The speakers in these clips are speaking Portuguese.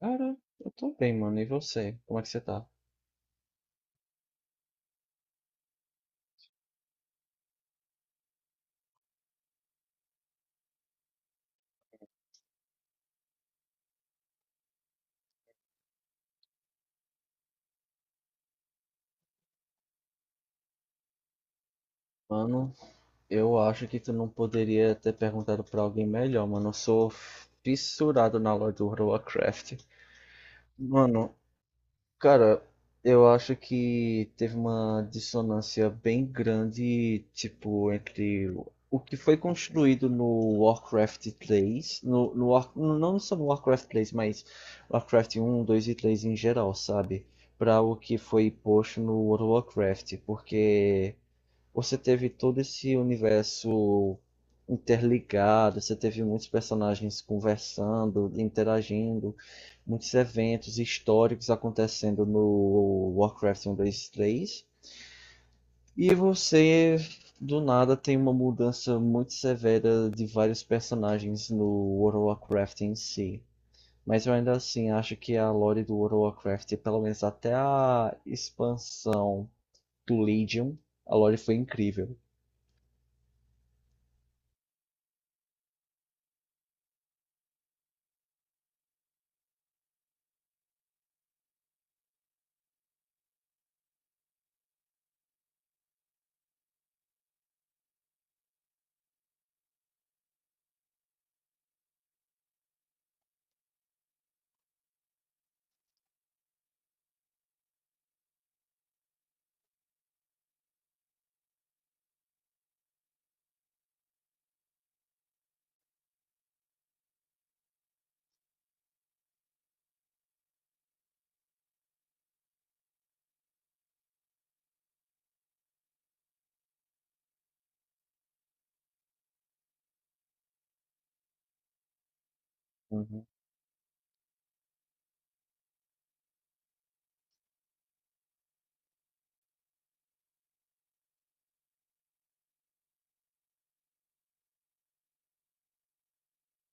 Cara, eu tô bem, mano. E você? Como é que você tá? Mano, eu acho que tu não poderia ter perguntado pra alguém melhor, mano. Eu sou fissurado na lore do World of Warcraft. Mano, Cara, eu acho que teve uma dissonância bem grande, tipo, entre o que foi construído no Warcraft três não só no Warcraft três mas Warcraft um dois e três em geral, sabe? Para o que foi posto no World of Warcraft, porque você teve todo esse universo interligado, você teve muitos personagens conversando, interagindo, muitos eventos históricos acontecendo no Warcraft 1.2.3. E você, do nada, tem uma mudança muito severa de vários personagens no World of Warcraft em si. Mas eu ainda assim acho que a lore do World of Warcraft, pelo menos até a expansão do Legion, a lore foi incrível. Uhum.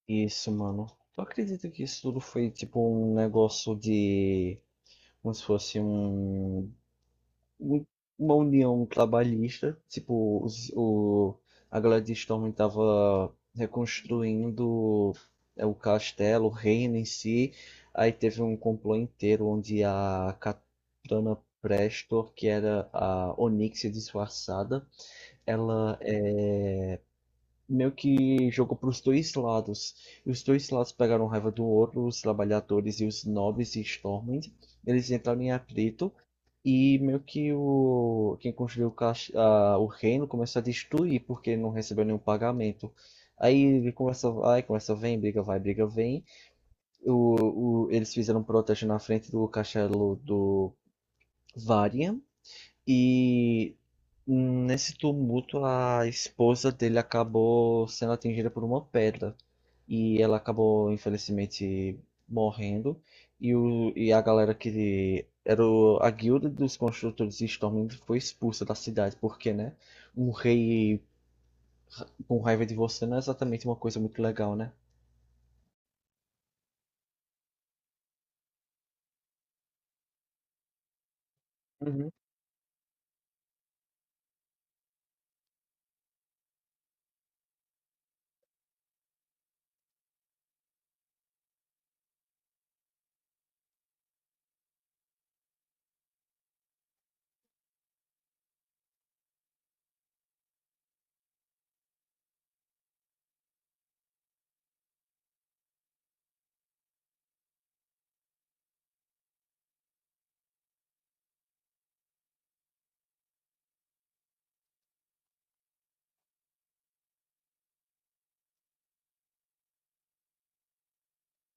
Isso, mano. Tu acredita que isso tudo foi tipo um negócio de. Como se fosse um. Um- Uma união trabalhista. A galera de Storm tava reconstruindo o castelo, o reino em si. Aí teve um complô inteiro onde a Katana Prestor, que era a Onyxia disfarçada, ela e jogou para os dois lados. E os dois lados pegaram raiva do outro, os trabalhadores e os nobres e Stormwind. Eles entraram em atrito e meio que o quem construiu o reino começou a destruir porque não recebeu nenhum pagamento. Aí ele começa, vai, começa, vem, briga, vai, briga, vem. Eles fizeram um protesto na frente do castelo do Varian e nesse tumulto a esposa dele acabou sendo atingida por uma pedra e ela acabou, infelizmente, morrendo. E a galera que era a guilda dos construtores de Stormwind foi expulsa da cidade, porque, né? Um rei com raiva de você não é exatamente uma coisa muito legal, né? Uhum.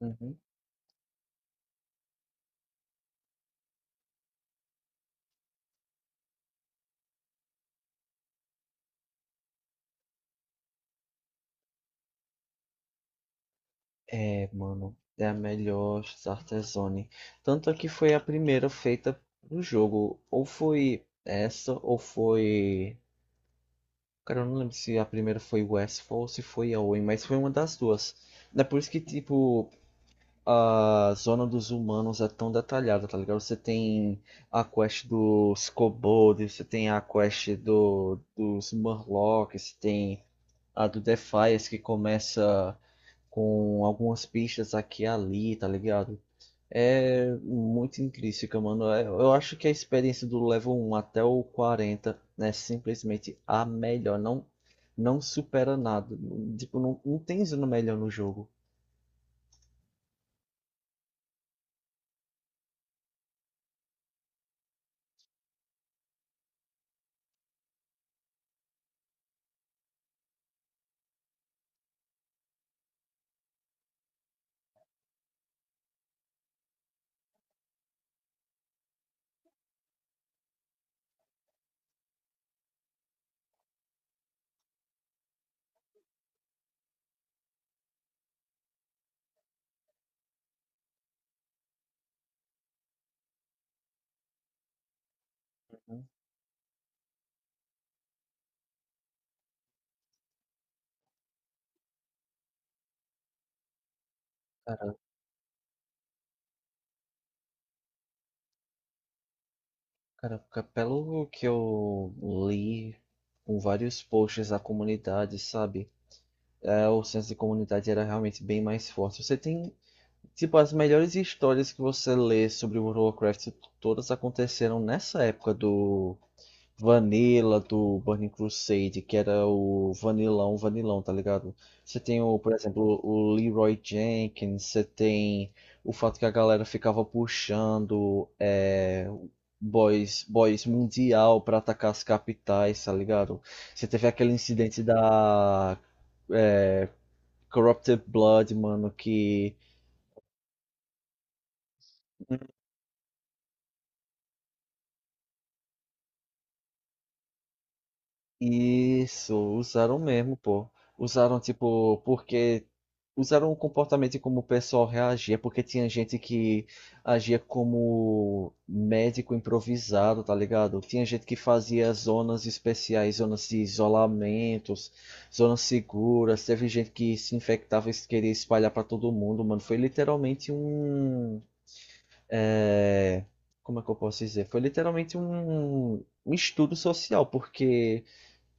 Uhum. É, mano, é a melhor Startezone. Tanto é que foi a primeira feita no jogo. Ou foi essa, ou foi. Cara, eu não lembro se a primeira foi Westfall ou se foi a Owen, mas foi uma das duas. É por isso que, tipo, a zona dos humanos é tão detalhada, tá ligado? Você tem a quest dos kobolds, você tem a quest dos Murlocs, você tem a do Defiance que começa com algumas pistas aqui e ali, tá ligado? É muito intrínseca, mano. Eu acho que a experiência do level um até o 40, é simplesmente a melhor. Não, não supera nada. Tipo, não, não tem zona melhor no jogo. Uhum. Cara, caraca, pelo que eu li com vários posts da comunidade, sabe? É, o senso de comunidade era realmente bem mais forte. Você tem tipo, as melhores histórias que você lê sobre World of Warcraft, todas aconteceram nessa época do Vanilla, do Burning Crusade, que era o Vanilão, Vanilão, tá ligado? Por exemplo, o Leroy Jenkins, você tem o fato que a galera ficava puxando boys, boys mundial pra atacar as capitais, tá ligado? Você teve aquele incidente da é, Corrupted Blood, mano, que isso, usaram mesmo, pô. Usaram, tipo, porque. Usaram o comportamento e como o pessoal reagia, porque tinha gente que agia como médico improvisado, tá ligado? Tinha gente que fazia zonas especiais, zonas de isolamentos, zonas seguras. Teve gente que se infectava e queria espalhar pra todo mundo, mano. Foi literalmente um. é, Como é que eu posso dizer? Foi literalmente um estudo social, porque.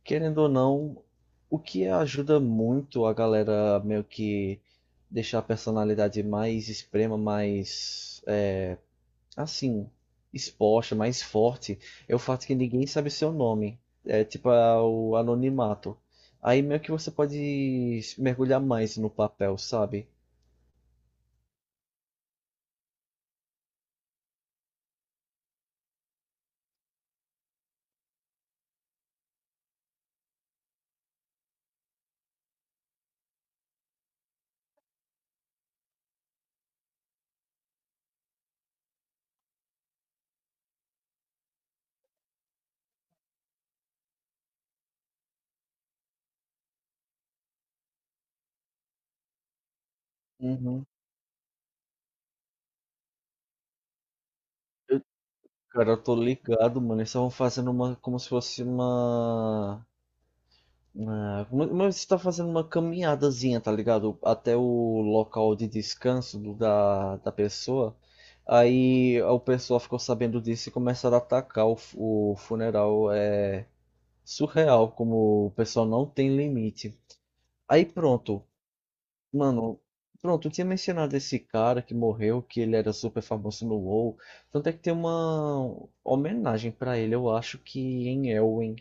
Querendo ou não, o que ajuda muito a galera meio que deixar a personalidade mais extrema, mais assim, exposta, mais forte, é o fato que ninguém sabe seu nome. É tipo o anonimato. Aí meio que você pode mergulhar mais no papel, sabe? Uhum. Eu- cara, eu tô ligado, mano. Eles estavam fazendo uma, como se fosse uma. Ah, mas você tá fazendo uma caminhadazinha, tá ligado? Até o local de descanso da pessoa. Aí o pessoal ficou sabendo disso e começaram a atacar o funeral. É surreal como o pessoal não tem limite. Aí pronto, Mano, pronto, eu tinha mencionado esse cara que morreu, que ele era super famoso no WoW. Tanto é que tem uma homenagem pra ele, eu acho que em Elwyn.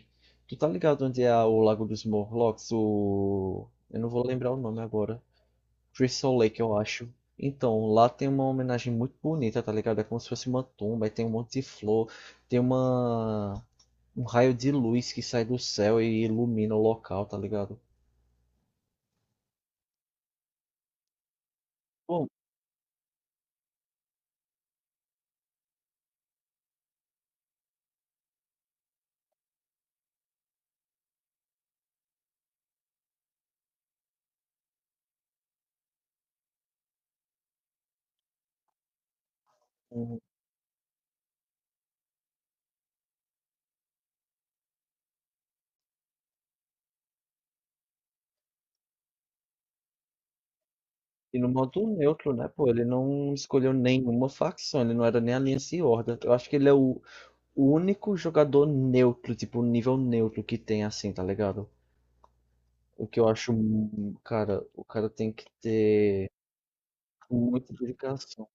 Tu tá ligado onde é o Lago dos Morlocks? O... Eu não vou lembrar o nome agora. Crystal Lake, eu acho. Então, lá tem uma homenagem muito bonita, tá ligado? É como se fosse uma tumba, aí tem um monte de flor, tem uma... um raio de luz que sai do céu e ilumina o local, tá ligado? Bom, e no modo neutro, né, pô, ele não escolheu nenhuma facção, ele não era nem Aliança e Horda. Eu acho que ele é o único jogador neutro, tipo, nível neutro que tem assim, tá ligado? O que eu acho, cara, o cara tem que ter muita dedicação.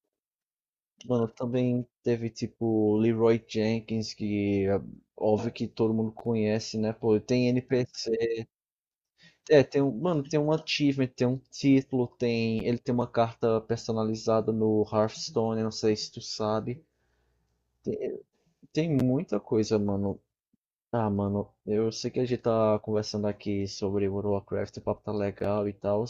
Mano, também teve, tipo, Leroy Jenkins, que é óbvio que todo mundo conhece, né, pô, tem NPC. É, tem um, mano, tem um achievement, tem um título, tem, ele tem uma carta personalizada no Hearthstone, não sei se tu sabe. Tem, tem muita coisa, mano. Ah, mano, eu sei que a gente tá conversando aqui sobre World of Warcraft, o papo tá legal e tal,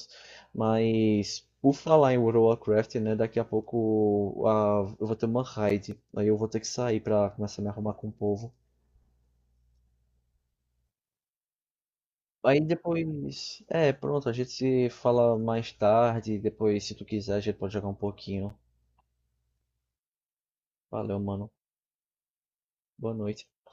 mas por falar em World of Warcraft, né, daqui a pouco ah, eu vou ter uma raid, aí eu vou ter que sair pra começar a me arrumar com o povo. Aí depois, é, pronto, a gente se fala mais tarde, depois se tu quiser a gente pode jogar um pouquinho. Valeu, mano. Boa noite.